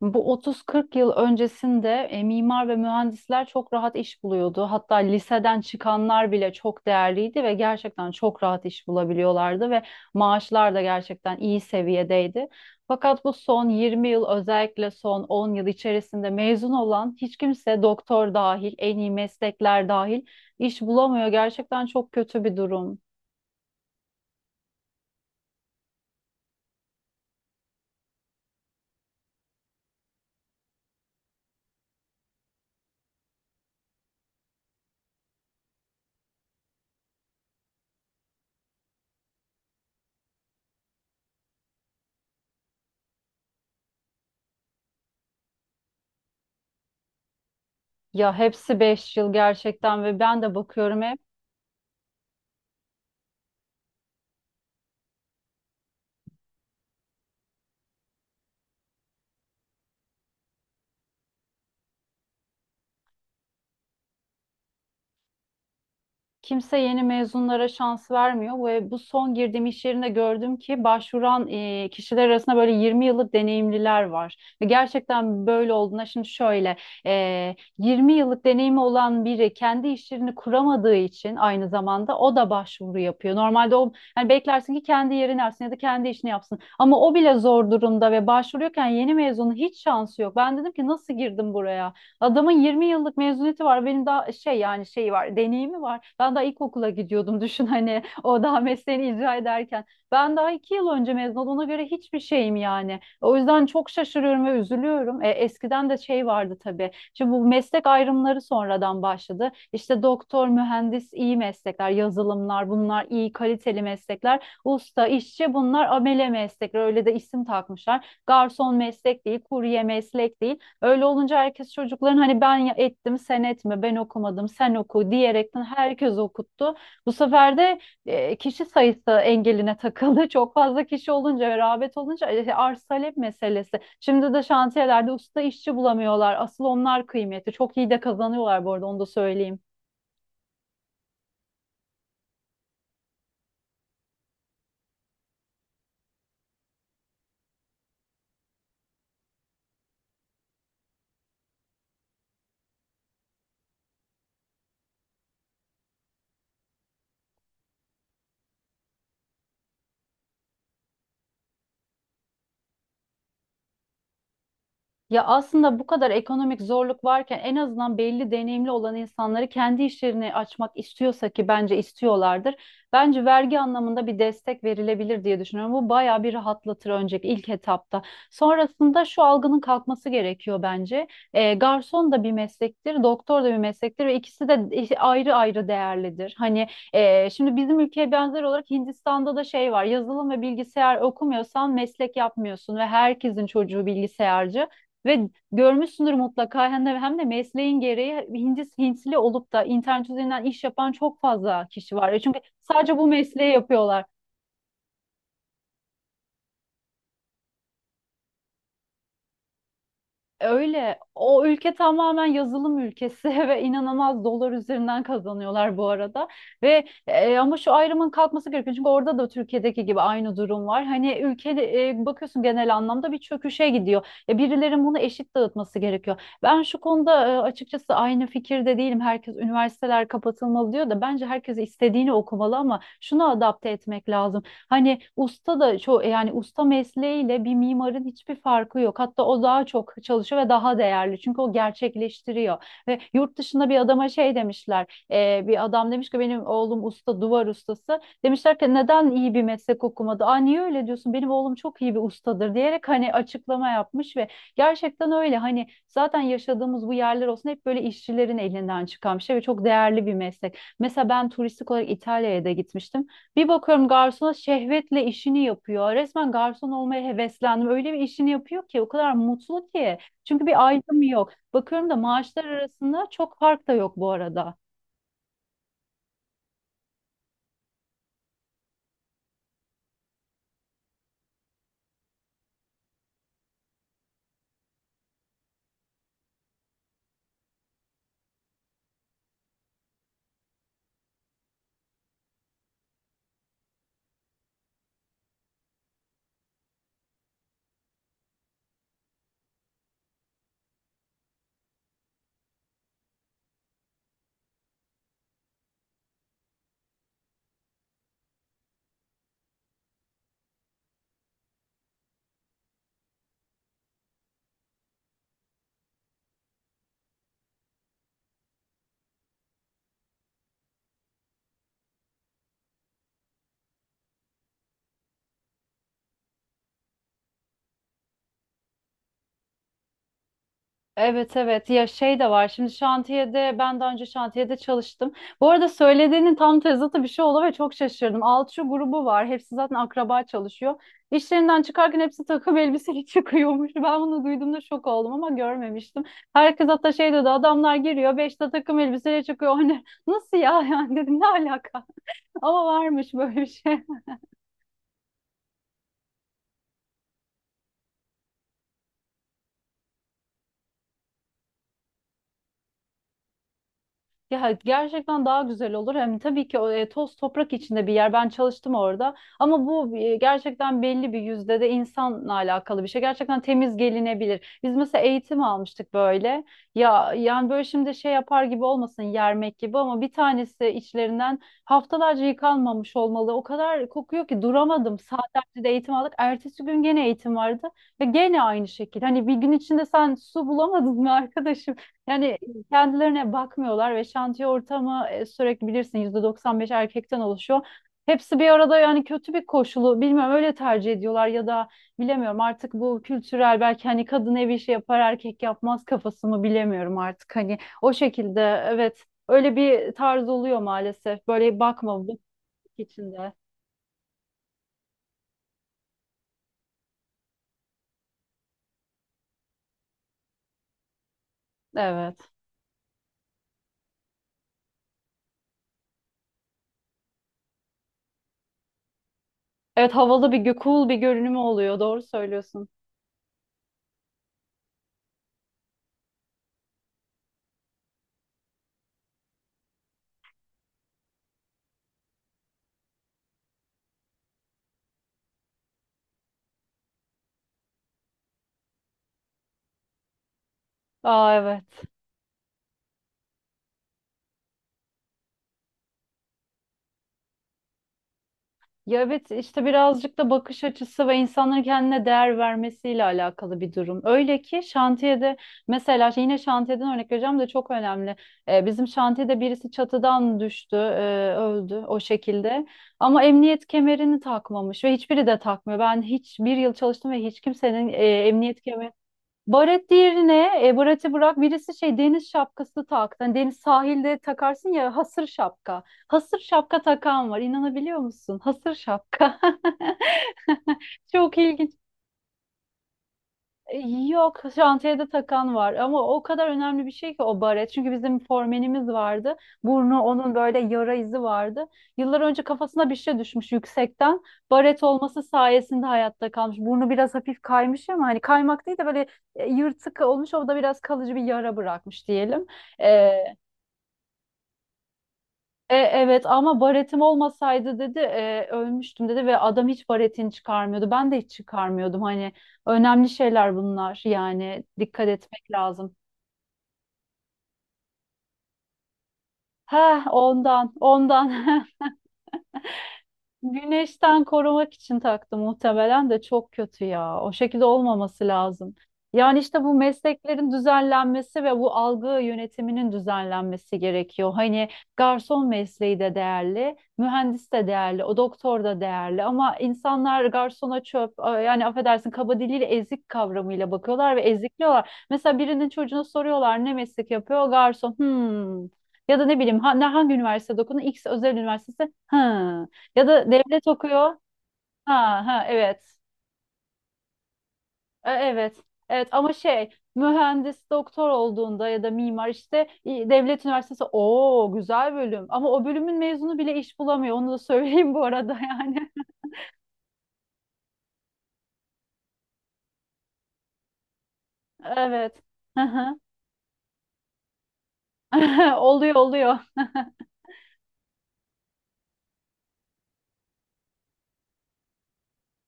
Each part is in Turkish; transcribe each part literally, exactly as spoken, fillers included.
Bu otuz kırk yıl öncesinde e, mimar ve mühendisler çok rahat iş buluyordu. Hatta liseden çıkanlar bile çok değerliydi ve gerçekten çok rahat iş bulabiliyorlardı ve maaşlar da gerçekten iyi seviyedeydi. Fakat bu son yirmi yıl özellikle son on yıl içerisinde mezun olan hiç kimse, doktor dahil, en iyi meslekler dahil, iş bulamıyor. Gerçekten çok kötü bir durum. Ya hepsi beş yıl gerçekten ve ben de bakıyorum. Kimse yeni mezunlara şans vermiyor ve bu son girdiğim iş yerinde gördüm ki başvuran e, kişiler arasında böyle yirmi yıllık deneyimliler var. Ve gerçekten böyle olduğuna şimdi şöyle, e, yirmi yıllık deneyimi olan biri kendi iş yerini kuramadığı için aynı zamanda o da başvuru yapıyor. Normalde o, hani, beklersin ki kendi yerini alsın ya da kendi işini yapsın. Ama o bile zor durumda ve başvuruyorken yeni mezunun hiç şansı yok. Ben dedim ki nasıl girdim buraya? Adamın yirmi yıllık mezuniyeti var. Benim daha şey, yani şey var, deneyimi var. Ben daha ilkokula gidiyordum, düşün, hani o daha mesleğini icra ederken. Ben daha iki yıl önce mezun oldum. Ona göre hiçbir şeyim yani. O yüzden çok şaşırıyorum ve üzülüyorum. E, eskiden de şey vardı tabii. Şimdi bu meslek ayrımları sonradan başladı. İşte doktor, mühendis iyi meslekler, yazılımlar, bunlar iyi kaliteli meslekler. Usta, işçi, bunlar amele meslekler. Öyle de isim takmışlar. Garson meslek değil, kurye meslek değil. Öyle olunca herkes çocukların, hani, ben ya- ettim sen etme, ben okumadım sen oku diyerekten herkes okuttu. Bu sefer de e, kişi sayısı engeline takıldı. Çok fazla kişi olunca ve rağbet olunca e, arz talep meselesi. Şimdi de şantiyelerde usta işçi bulamıyorlar. Asıl onlar kıymeti. Çok iyi de kazanıyorlar bu arada, onu da söyleyeyim. Ya aslında bu kadar ekonomik zorluk varken en azından belli deneyimli olan insanları, kendi işlerini açmak istiyorsa ki bence istiyorlardır, bence vergi anlamında bir destek verilebilir diye düşünüyorum. Bu bayağı bir rahatlatır önceki ilk etapta. Sonrasında şu algının kalkması gerekiyor bence. Ee, garson da bir meslektir, doktor da bir meslektir ve ikisi de i- ayrı ayrı değerlidir. Hani, e, şimdi bizim ülkeye benzer olarak Hindistan'da da şey var. Yazılım ve bilgisayar okumuyorsan meslek yapmıyorsun ve herkesin çocuğu bilgisayarcı. Ve görmüşsündür mutlaka, hem de, hem de mesleğin gereği Hintli, Hintli olup da internet üzerinden iş yapan çok fazla kişi var. E, Çünkü sadece bu mesleği yapıyorlar. E, Öyle. O ülke tamamen yazılım ülkesi ve inanılmaz dolar üzerinden kazanıyorlar bu arada. Ve e, ama şu ayrımın kalkması gerekiyor. Çünkü orada da Türkiye'deki gibi aynı durum var. Hani ülke, e, bakıyorsun genel anlamda bir çöküşe gidiyor. E, birilerin bunu eşit dağıtması gerekiyor. Ben şu konuda e, açıkçası aynı fikirde değilim. Herkes üniversiteler kapatılmalı diyor da bence herkes istediğini okumalı ama şunu adapte etmek lazım. Hani usta da çok, yani usta mesleğiyle bir mimarın hiçbir farkı yok. Hatta o daha çok çalışıyor ve daha değerli. Çünkü o gerçekleştiriyor. Ve yurt dışında bir adama şey demişler. E, bir adam demiş ki benim oğlum usta, duvar ustası. Demişler ki neden iyi bir meslek okumadı? Aa, niye öyle diyorsun? Benim oğlum çok iyi bir ustadır diyerek hani açıklama yapmış. Ve gerçekten öyle, hani zaten yaşadığımız bu yerler olsun hep böyle işçilerin elinden çıkan bir şey ve çok değerli bir meslek. Mesela ben turistik olarak İtalya'ya da gitmiştim. Bir bakıyorum, garsona şehvetle işini yapıyor. Resmen garson olmaya heveslendim. Öyle bir işini yapıyor ki, o kadar mutlu ki. Çünkü bir ayrım yok. Bakıyorum da maaşlar arasında çok fark da yok bu arada. Evet, evet, ya şey de var, şimdi şantiyede. Ben daha önce şantiyede çalıştım. Bu arada söylediğinin tam tezatı bir şey oldu ve çok şaşırdım. Alçı grubu var, hepsi zaten akraba çalışıyor. İşlerinden çıkarken hepsi takım elbiseli çıkıyormuş. Ben bunu duyduğumda şok oldum ama görmemiştim. Herkes hatta şey dedi, adamlar giriyor beşte takım elbiseyle çıkıyor. Hani nasıl ya? Yani dedim ne alaka? Ama varmış böyle bir şey. Ya gerçekten daha güzel olur. Hem tabii ki o e, toz toprak içinde bir yer. Ben çalıştım orada. Ama bu e, gerçekten belli bir yüzde de insanla alakalı bir şey. Gerçekten temiz gelinebilir. Biz mesela eğitim almıştık böyle. Ya yani, böyle şimdi şey yapar gibi olmasın, yermek gibi, ama bir tanesi içlerinden haftalarca yıkanmamış olmalı. O kadar kokuyor ki duramadım. Saatlerce de eğitim aldık. Ertesi gün gene eğitim vardı ve gene aynı şekilde. Hani, bir gün içinde sen su bulamadın mı arkadaşım? Yani kendilerine bakmıyorlar ve şantiye ortamı, e, sürekli bilirsin, yüzde doksan beş erkekten oluşuyor. Hepsi bir arada, yani kötü bir koşulu bilmiyorum, öyle tercih ediyorlar ya da bilemiyorum artık, bu kültürel belki, hani kadın ev işi yapar erkek yapmaz kafası mı bilemiyorum artık, hani o şekilde evet, öyle bir tarz oluyor maalesef. Böyle bakma, bu içinde. Evet, evet, havalı bir gö- cool bir görünümü oluyor, doğru söylüyorsun. Aa, evet. Ya evet, işte birazcık da bakış açısı ve insanların kendine değer vermesiyle alakalı bir durum. Öyle ki şantiyede, mesela şey, yine şantiyeden örnek vereceğim de çok önemli. Ee, bizim şantiyede birisi çatıdan düştü, e, öldü o şekilde. Ama emniyet kemerini takmamış ve hiçbiri de takmıyor. Ben hiç bir yıl çalıştım ve hiç kimsenin e, emniyet kemerini, baret, diğerine, e, bareti bırak, birisi şey deniz şapkası taktı. Hani deniz sahilde takarsın ya, hasır şapka. Hasır şapka takan var. İnanabiliyor musun? Hasır şapka. Çok ilginç. E, Yok, şantiyede takan var ama o kadar önemli bir şey ki o baret. Çünkü bizim formenimiz vardı. Burnu onun, böyle yara izi vardı. Yıllar önce kafasına bir şey düşmüş yüksekten. Baret olması sayesinde hayatta kalmış. Burnu biraz hafif kaymış ama hani kaymak değil de böyle e, yırtık olmuş. O da biraz kalıcı bir yara bırakmış diyelim. E, e, evet, ama baretim olmasaydı dedi, e, ölmüştüm dedi ve adam hiç baretini çıkarmıyordu. Ben de hiç çıkarmıyordum. Hani önemli şeyler bunlar, yani dikkat etmek lazım. Heh, ondan ondan. Güneşten korumak için taktı muhtemelen de çok kötü ya. O şekilde olmaması lazım. Yani işte bu mesleklerin düzenlenmesi ve bu algı yönetiminin düzenlenmesi gerekiyor. Hani garson mesleği de değerli, mühendis de değerli, o doktor da değerli ama insanlar garsona çöp, yani affedersin kaba diliyle ezik kavramıyla bakıyorlar ve ezikliyorlar. Mesela birinin çocuğuna soruyorlar, ne meslek yapıyor? Garson. Hmm. Ya da ne bileyim, ha- ne- hangi üniversitede okudun? X özel üniversitesi. Hı. Ya da devlet okuyor. Ha, ha, evet. E, evet. Evet, ama şey, mühendis doktor olduğunda ya da mimar işte i- devlet üniversitesi o güzel bölüm, ama o bölümün mezunu bile iş bulamıyor, onu da söyleyeyim bu arada yani. Evet. Hı hı. Oluyor, oluyor.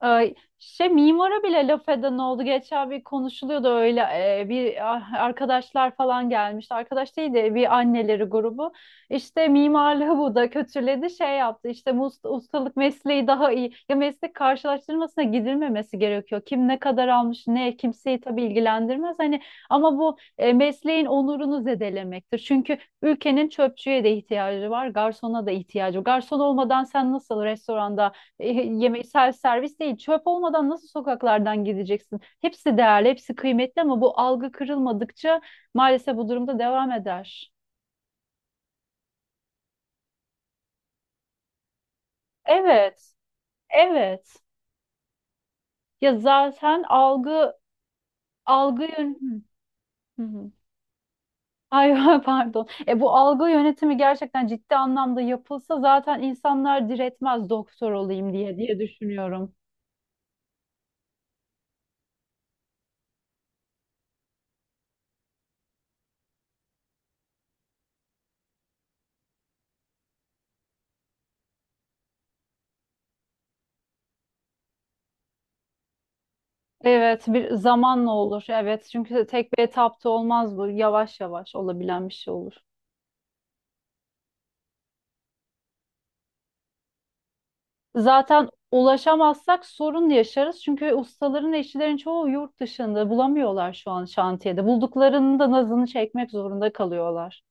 Ay, şey, mimara bile laf eden oldu. Geçen bir konuşuluyordu öyle, e, bir ah, arkadaşlar falan gelmişti. Arkadaş değil de bir anneleri grubu. İşte mimarlığı bu da kötüledi, şey yaptı. İşte bu ust- ustalık mesleği daha iyi. Ya meslek karşılaştırmasına gidilmemesi gerekiyor. Kim ne kadar almış ne, kimseyi tabii ilgilendirmez. Hani ama bu e, mesleğin onurunu zedelemektir. Çünkü ülkenin çöpçüye de ihtiyacı var, garsona da ihtiyacı var. Garson olmadan sen nasıl restoranda e, yemeği servis, servis değil. Çöp olmadan nasıl sokaklardan gideceksin? Hepsi değerli, hepsi kıymetli, ama bu algı kırılmadıkça maalesef bu durumda devam eder. Evet, evet. Ya zaten algı algı yön- hı hı, hı. Ay, pardon. E bu algı yönetimi gerçekten ciddi anlamda yapılsa zaten insanlar diretmez doktor olayım diye, diye düşünüyorum. Evet, bir zamanla olur. Evet, çünkü tek bir etapta olmaz bu. Yavaş yavaş olabilen bir şey olur. Zaten ulaşamazsak sorun yaşarız. Çünkü ustaların, işçilerin çoğu yurt dışında bulamıyorlar şu an şantiyede. Bulduklarının da nazını çekmek zorunda kalıyorlar.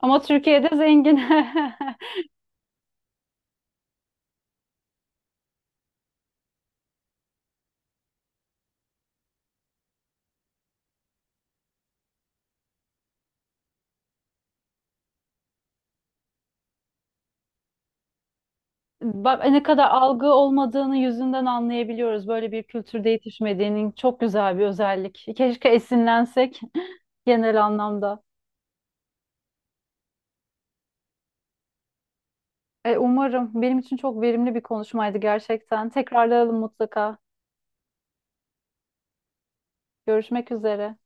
Ama Türkiye'de zengin. Bak, ne kadar algı olmadığını yüzünden anlayabiliyoruz. Böyle bir kültürde yetişmediğinin çok güzel bir özellik. Keşke esinlensek genel anlamda. E, umarım. Benim için çok verimli bir konuşmaydı gerçekten. Tekrarlayalım mutlaka. Görüşmek üzere.